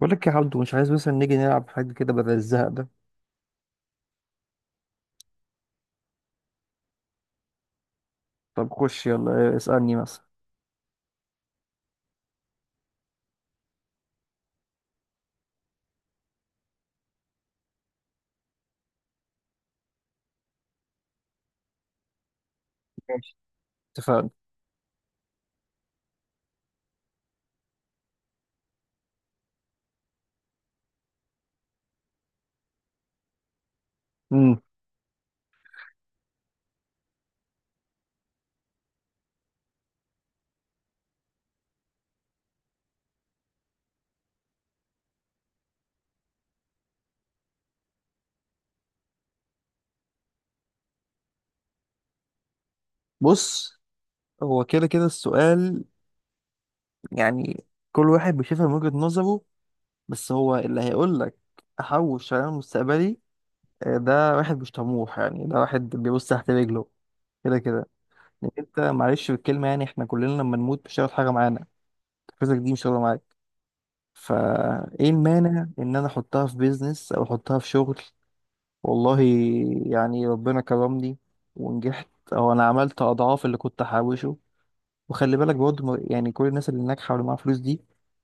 بقول لك يا عبدو، مش عايز مثلا نيجي نلعب حاجة كده بدل الزهق ده. طب خش يلا اسألني مثلا. ماشي، اتفقنا. امم بص، هو كده كده السؤال. يعني كل واحد بيشوفها من وجهة نظره، بس هو اللي هيقول لك احوش على مستقبلي. آه، ده واحد مش طموح، يعني ده واحد بيبص تحت رجله كده كده. لأن انت معلش بالكلمة، يعني احنا كلنا لما نموت مش هياخد حاجة معانا. فلوسك دي مش هتاخدها معاك، فايه المانع ان انا احطها في بيزنس او احطها في شغل. والله يعني ربنا كرمني ونجحت، او انا عملت اضعاف اللي كنت حوشه. وخلي بالك برضه يعني كل الناس اللي ناجحه واللي معاها فلوس دي،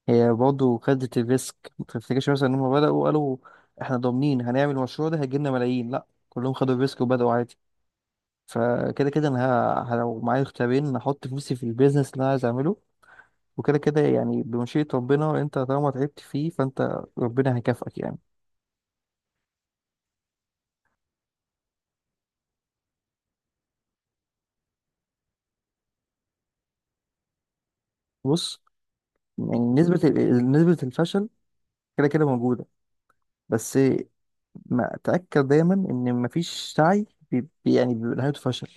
هي برضه خدت الريسك. ما تفتكرش مثلا ان هم بداوا قالوا احنا ضامنين هنعمل المشروع ده هيجي لنا ملايين. لا، كلهم خدوا الريسك وبداوا عادي. فكده كده انا لو معايا اختيارين هحط فلوسي في البيزنس اللي انا عايز اعمله. وكده كده يعني بمشيئة ربنا، انت طالما تعبت فيه فانت ربنا هيكافئك يعني. بص، يعني نسبة الفشل كده كده موجودة، بس ما تأكد دايما ان مفيش سعي يعني بيبقى نهايته فشل.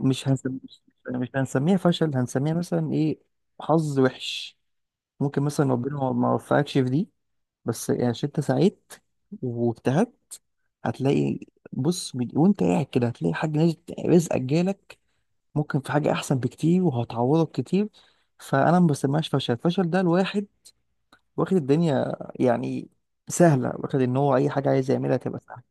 مش هنسميه، مش يعني مش هنسميها فشل، هنسميها مثلا ايه؟ حظ وحش. ممكن مثلا ربنا ما وفقكش في دي، بس يعني عشان انت سعيت واجتهدت هتلاقي. وانت قاعد كده هتلاقي حاجة نزلت رزقك جالك. ممكن في حاجة أحسن بكتير وهتعوضك كتير. فأنا ما بسميهاش فشل. الفشل ده الواحد واخد الدنيا يعني سهلة، واخد إن هو أي حاجة عايز يعملها تبقى سهلة.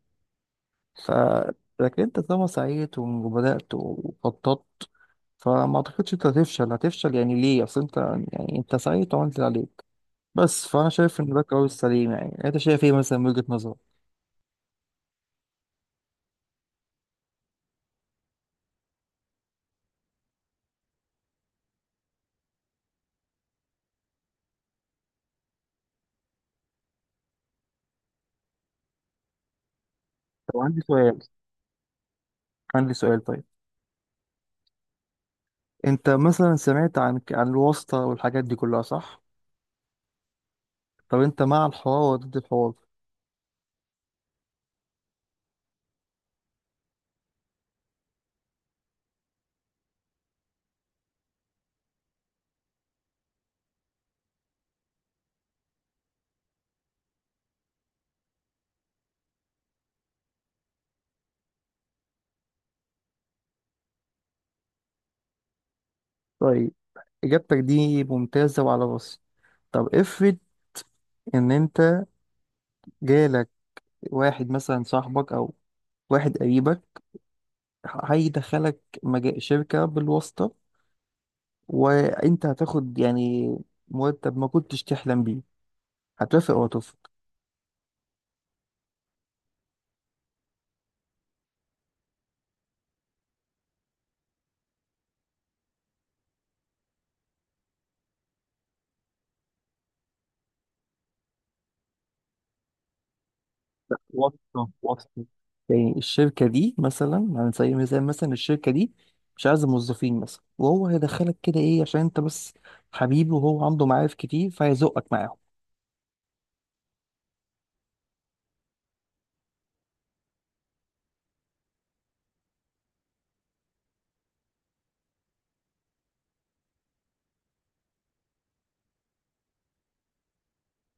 فلكن انت طالما سعيت وبدأت وخططت، فما اعتقدش انت هتفشل. هتفشل يعني ليه؟ اصل انت يعني انت سعيت وعملت اللي عليك. بس، فانا شايف ان ده القرار السليم. يعني انت شايف ايه مثلا من وجهة نظرك؟ طب عندي سؤال، عندي سؤال طيب. انت مثلا سمعت عن الواسطة والحاجات دي كلها، صح؟ طب انت مع الحوار ولا ضد الحوار؟ طيب، اجابتك دي ممتازة وعلى راسي. طب افرض ان انت جالك واحد مثلا صاحبك او واحد قريبك هيدخلك شركة بالواسطة، وانت هتاخد يعني مرتب ما كنتش تحلم بيه. هتوافق ولا ترفض؟ لا، واسطة واسطة. يعني الشركة دي مثلا، على سبيل المثال مثلا الشركة دي مش عايزة موظفين مثلا، وهو هيدخلك كده ايه عشان انت بس حبيبي، وهو عنده معارف كتير فهيزقك معاهم.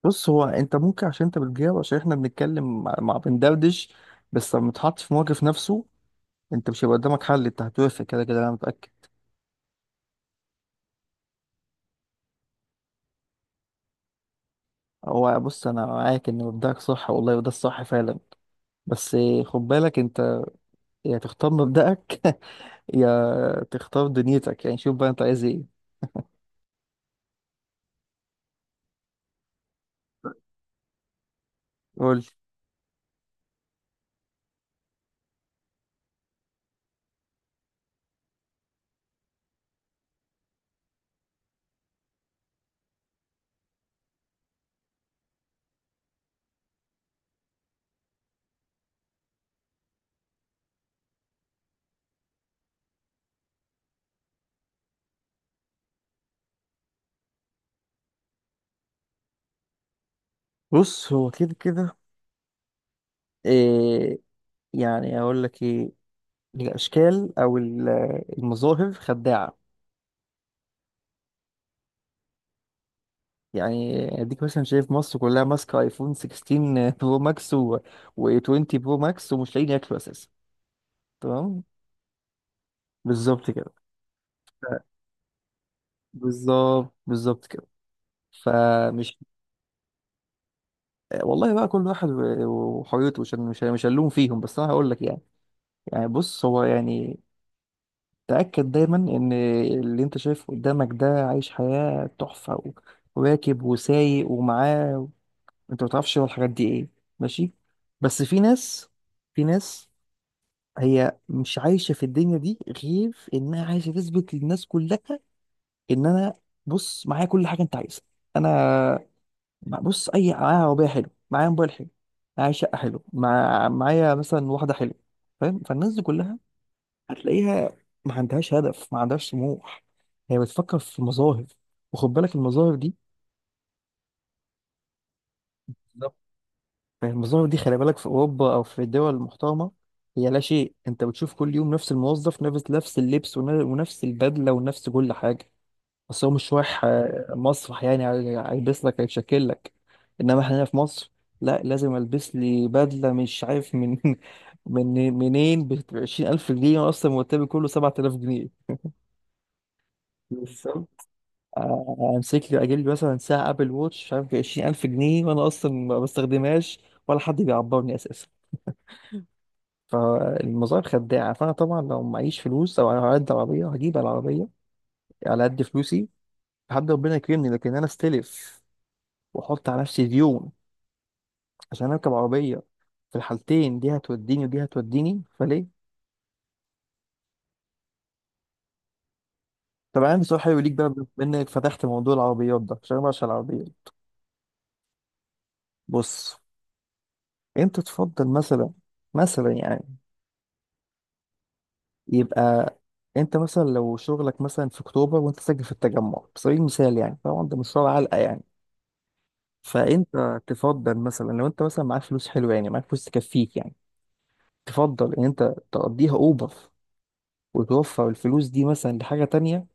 بص، هو انت ممكن عشان انت بتجاوب، عشان احنا بنتكلم مع بندردش. بس لما تحط في موقف نفسه انت مش هيبقى قدامك حل، انت هتوافق كده كده انا متأكد. هو بص، انا معاك ان مبدأك صح والله، وده الصح فعلا. بس خد بالك انت، يا تختار مبدأك يا تختار دنيتك. يعني شوف بقى انت عايز ايه. قول. بص، هو كده كده إيه، يعني اقول لك ايه. الاشكال او ال- المظاهر خداعة. يعني اديك مثلا شايف مصر كلها ماسكه ايفون 16 برو ماكس و20 برو ماكس ومش لاقيين ياكلوا اساسا، تمام. بالظبط كده. بالظبط بالظبط كده. فمش، والله بقى كل واحد وحريته، مش هلوم فيهم، بس انا هقول لك يعني، يعني بص هو يعني تأكد دايما ان اللي انت شايفه قدامك ده عايش حياة تحفة وراكب وسايق ومعاه، انت ما تعرفش هو الحاجات دي ايه. ماشي، بس في ناس، في ناس هي مش عايشة في الدنيا دي غير انها عايشة تثبت للناس كلها ان انا بص معايا كل حاجة انت عايزها. انا بص، اي معايا عربيه حلو، معايا موبايل حلو، معايا شقه حلو، معايا مثلا واحده حلوه، فاهم؟ فالناس دي كلها هتلاقيها ما عندهاش هدف، ما عندهاش طموح. هي بتفكر في مظاهر. وخد بالك المظاهر دي بالظبط. المظاهر دي خلي بالك في اوروبا او في الدول المحترمه هي لا شيء. انت بتشوف كل يوم نفس الموظف، نفس اللبس ونفس البدله ونفس كل حاجه، بس هو مش رايح آه، مسرح يعني هيلبس لك هيشكل لك. انما احنا هنا في مصر لا، لازم البس لي بدله مش عارف من من منين ب 20000 جنيه، وانا اصلا مرتبي كله 7000 جنيه. بالظبط. آه، امسك لي اجيب لي مثلا ساعه ابل ووتش مش عارف ب 20000 جنيه وانا اصلا ما بستخدمهاش ولا حد بيعبرني اساسا. فالمظاهر خداعه. فانا طبعا لو معيش فلوس او على قد عربيه هجيب العربيه على قد فلوسي لحد ربنا يكرمني، لكن انا استلف واحط على نفسي ديون عشان اركب عربيه؟ في الحالتين دي هتوديني ودي هتوديني فليه؟ طب انا عندي سؤال حلو ليك بقى بما انك فتحت موضوع العربيات ده، عشان انا بعشق العربيات. بص انت تفضل مثلا، مثلا يعني، يبقى انت مثلا لو شغلك مثلا في اكتوبر وانت ساكن في التجمع على سبيل المثال، يعني طبعا ده مشوار علقه يعني، فانت تفضل مثلا لو انت مثلا معاك فلوس حلوه يعني، معاك فلوس تكفيك يعني، تفضل ان انت تقضيها اوبر وتوفر الفلوس دي مثلا لحاجه تانية،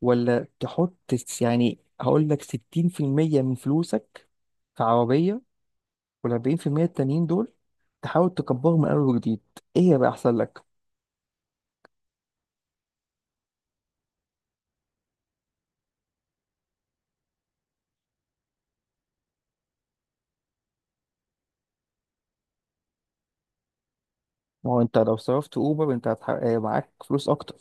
ولا تحط يعني هقول لك 60% من فلوسك في عربية، وال40% التانيين دول تحاول تكبرهم من أول وجديد؟ إيه هيبقى أحسن لك؟ ما هو أنت لو صرفت أوبر أنت آه، معاك فلوس أكتر.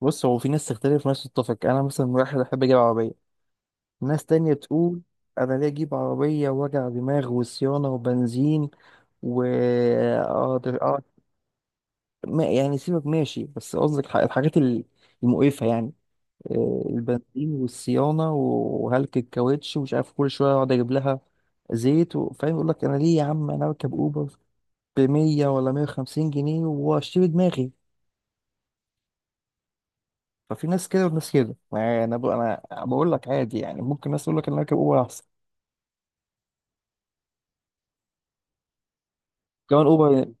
بص، هو في ناس تختلف وناس تتفق. أنا مثلا واحد أحب أجيب عربية، ناس تانية تقول أنا ليه أجيب عربية وجع دماغ وصيانة وبنزين و آه يعني سيبك ماشي، بس قصدك الحاجات المقرفة يعني، آه، البنزين والصيانة وهلك الكاوتش ومش عارف كل شوية اقعد اجيب لها زيت فاهم؟ يقول لك انا ليه يا عم انا اركب اوبر ب 100 ولا 150 جنيه واشتري دماغي. ففي ناس كده وناس كده. ما انا انا بقول لك عادي يعني، ممكن ناس تقول لك انا اركب اوبر احسن، كمان اوبر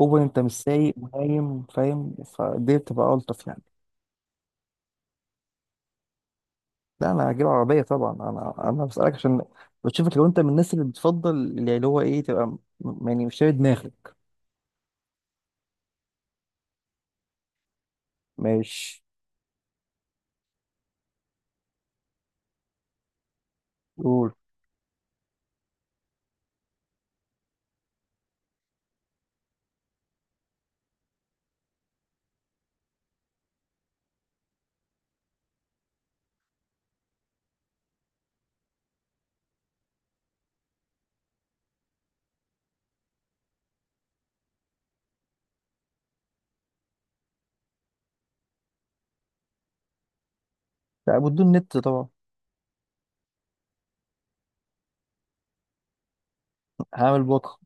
اوبر، انت مش سايق ونايم فاهم؟ فدي بتبقى الطف يعني. لا، انا هجيب عربيه طبعا. انا بسالك عشان بشوفك لو انت من الناس اللي بتفضل يعني، اللي هو ايه، تبقى يعني مش شايل دماغك. ماشي. قول. لا، بدون نت طبعا. هعمل بكره.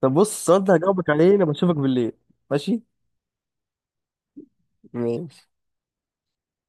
طب بص، السؤال ده هجاوبك عليه لما اشوفك بالليل. ماشي. ماشي.